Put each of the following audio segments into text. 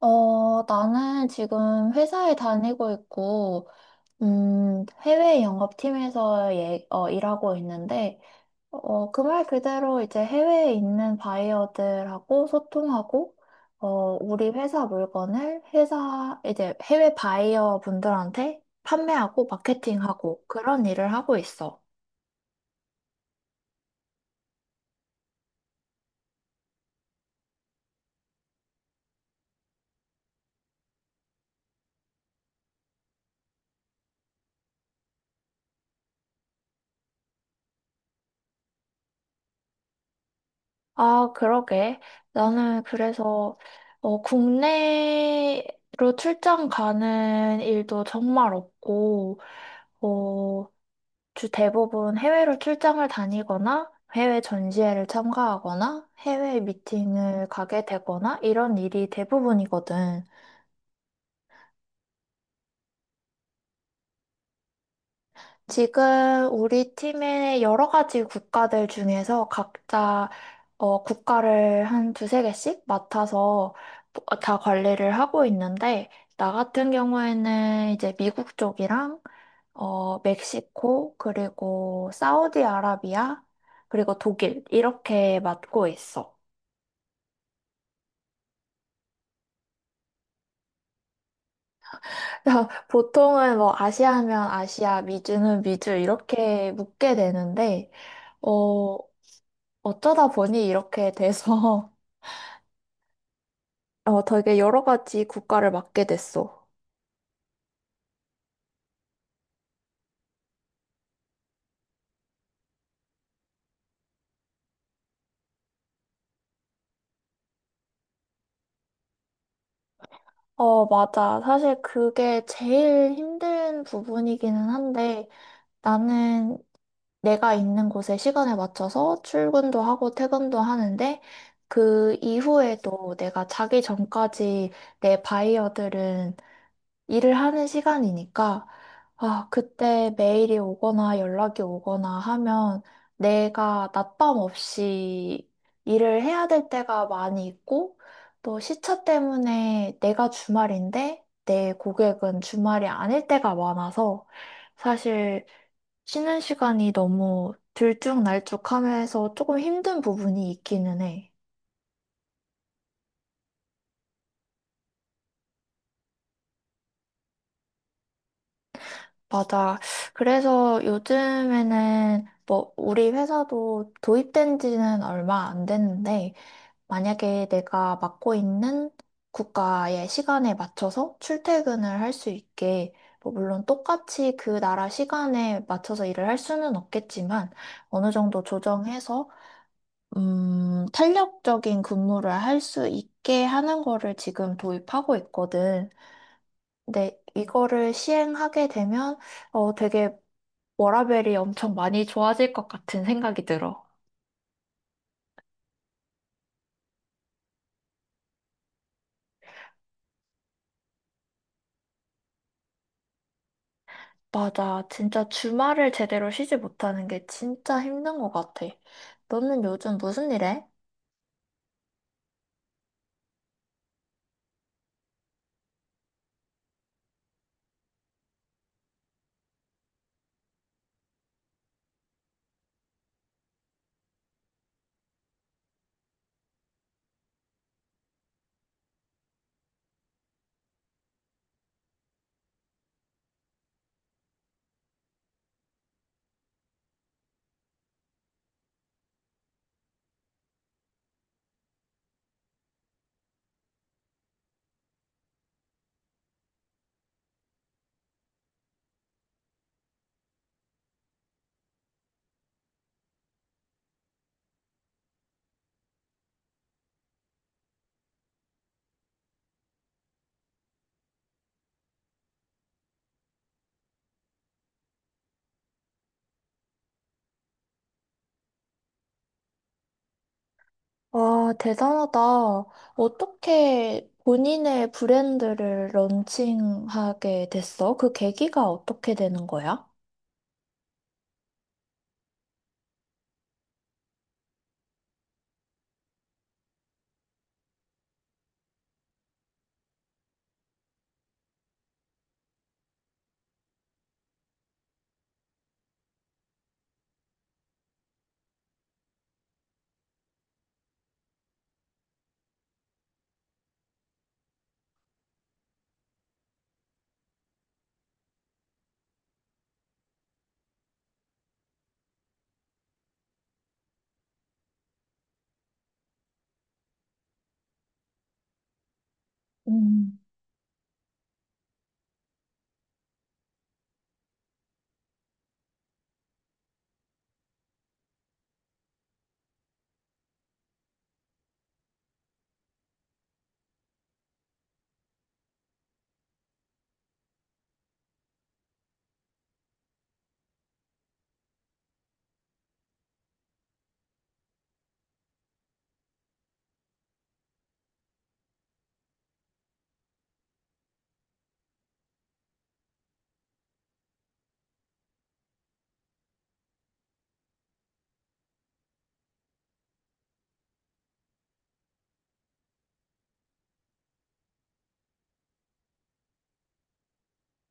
나는 지금 회사에 다니고 있고, 해외 영업팀에서 예, 일하고 있는데, 말 그대로 이제 해외에 있는 바이어들하고 소통하고, 어, 우리 회사 물건을 이제 해외 바이어 분들한테 판매하고 마케팅하고 그런 일을 하고 있어. 아, 그러게. 나는 그래서 국내로 출장 가는 일도 정말 없고, 어, 주 대부분 해외로 출장을 다니거나 해외 전시회를 참가하거나 해외 미팅을 가게 되거나 이런 일이 대부분이거든. 지금 우리 팀의 여러 가지 국가들 중에서 각자 국가를 한 두세 개씩 맡아서 다 관리를 하고 있는데, 나 같은 경우에는 이제 미국 쪽이랑 멕시코, 그리고 사우디아라비아, 그리고 독일 이렇게 맡고 있어. 보통은 뭐 아시아면 아시아, 미주는 미주 이렇게 묶게 되는데, 어, 어쩌다 보니 이렇게 돼서 되게 여러 가지 국가를 맡게 됐어. 어, 맞아. 사실 그게 제일 힘든 부분이기는 한데 나는 내가 있는 곳에 시간에 맞춰서 출근도 하고 퇴근도 하는데 그 이후에도 내가 자기 전까지 내 바이어들은 일을 하는 시간이니까, 아, 그때 메일이 오거나 연락이 오거나 하면 내가 낮밤 없이 일을 해야 될 때가 많이 있고, 또 시차 때문에 내가 주말인데 내 고객은 주말이 아닐 때가 많아서 사실 쉬는 시간이 너무 들쭉날쭉하면서 조금 힘든 부분이 있기는 해. 맞아. 그래서 요즘에는 뭐 우리 회사도 도입된 지는 얼마 안 됐는데 만약에 내가 맡고 있는 국가의 시간에 맞춰서 출퇴근을 할 수 있게 뭐 물론 똑같이 그 나라 시간에 맞춰서 일을 할 수는 없겠지만 어느 정도 조정해서 탄력적인 근무를 할 수 있게 하는 거를 지금 도입하고 있거든. 근데 이거를 시행하게 되면 되게 워라밸이 엄청 많이 좋아질 것 같은 생각이 들어. 맞아. 진짜 주말을 제대로 쉬지 못하는 게 진짜 힘든 것 같아. 너는 요즘 무슨 일 해? 와, 대단하다. 어떻게 본인의 브랜드를 런칭하게 됐어? 그 계기가 어떻게 되는 거야? 음,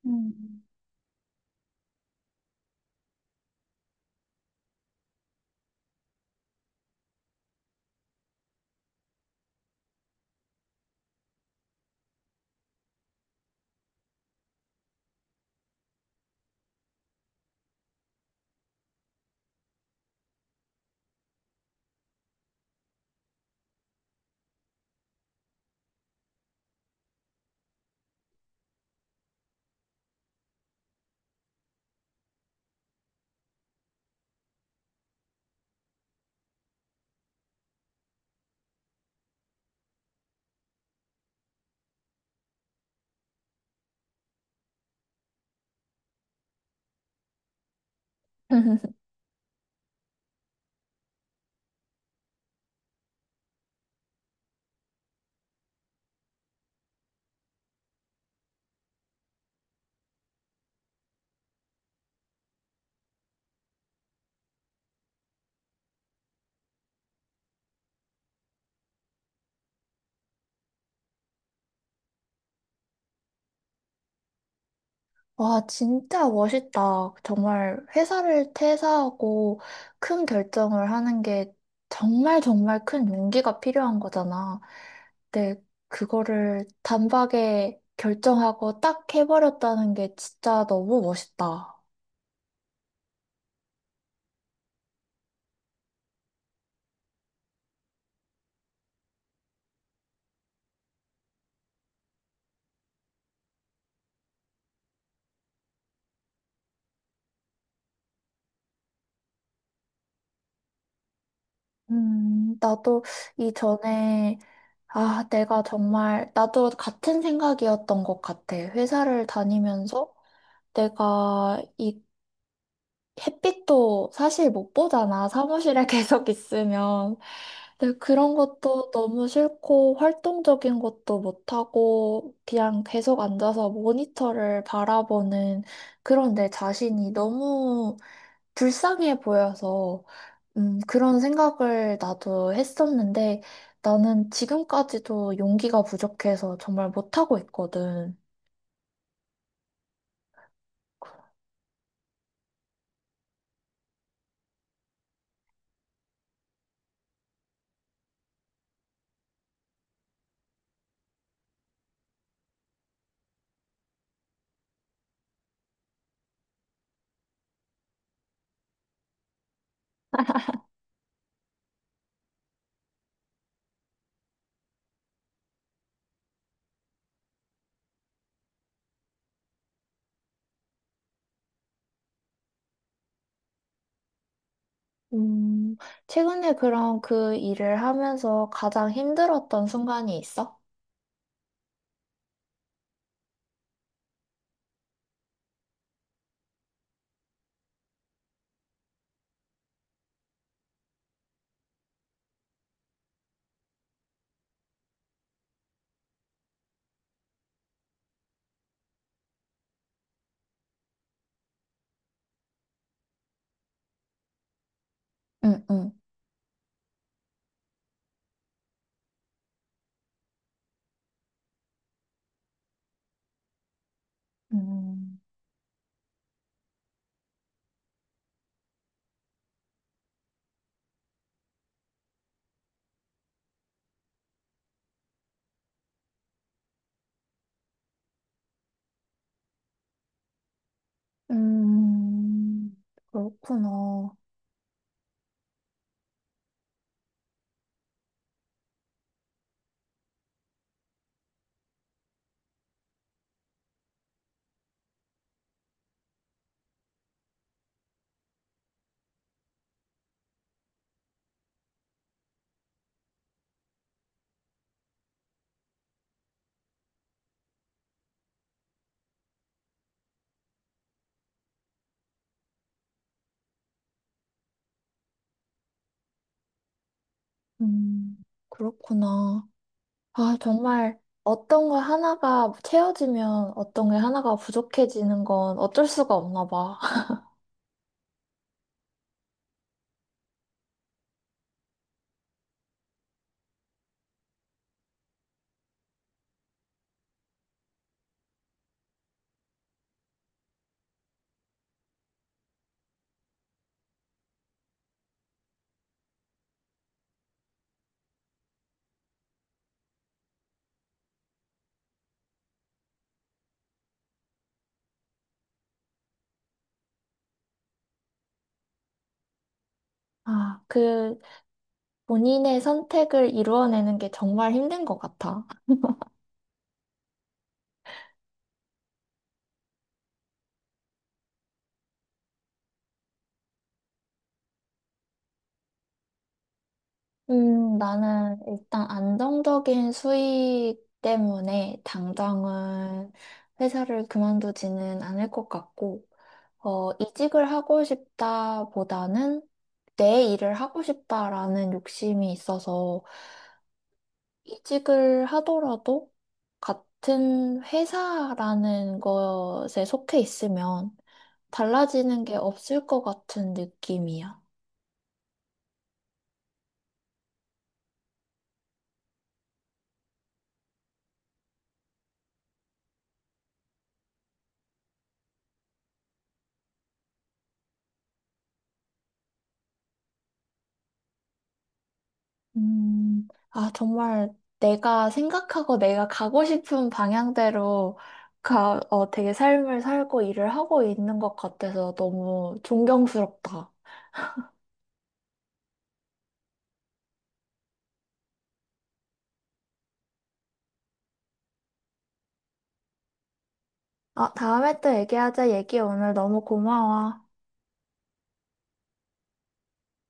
음. 와, 진짜 멋있다. 정말 회사를 퇴사하고 큰 결정을 하는 게 정말 정말 큰 용기가 필요한 거잖아. 근데 그거를 단박에 결정하고 딱 해버렸다는 게 진짜 너무 멋있다. 나도 이전에, 아, 내가 정말, 나도 같은 생각이었던 것 같아. 회사를 다니면서 내가 이 햇빛도 사실 못 보잖아. 사무실에 계속 있으면. 근데 그런 것도 너무 싫고, 활동적인 것도 못하고, 그냥 계속 앉아서 모니터를 바라보는 그런 내 자신이 너무 불쌍해 보여서, 그런 생각을 나도 했었는데, 나는 지금까지도 용기가 부족해서 정말 못하고 있거든. 음, 최근에 그럼 그 일을 하면서 가장 힘들었던 순간이 있어? 응, 응. 음, 음, 그렇구나. 음, 그렇구나. 아, 정말 어떤 거 하나가 채워지면 어떤 게 하나가 부족해지는 건 어쩔 수가 없나 봐. 아, 그 본인의 선택을 이루어내는 게 정말 힘든 것 같아. 나는 일단 안정적인 수익 때문에 당장은 회사를 그만두지는 않을 것 같고, 이직을 하고 싶다보다는 내 일을 하고 싶다라는 욕심이 있어서 이직을 하더라도 같은 회사라는 것에 속해 있으면 달라지는 게 없을 것 같은 느낌이야. 아, 정말 내가 생각하고 내가 가고 싶은 방향대로 어, 되게 삶을 살고 일을 하고 있는 것 같아서 너무 존경스럽다. 아, 다음에 또 얘기하자. 얘기 오늘 너무 고마워.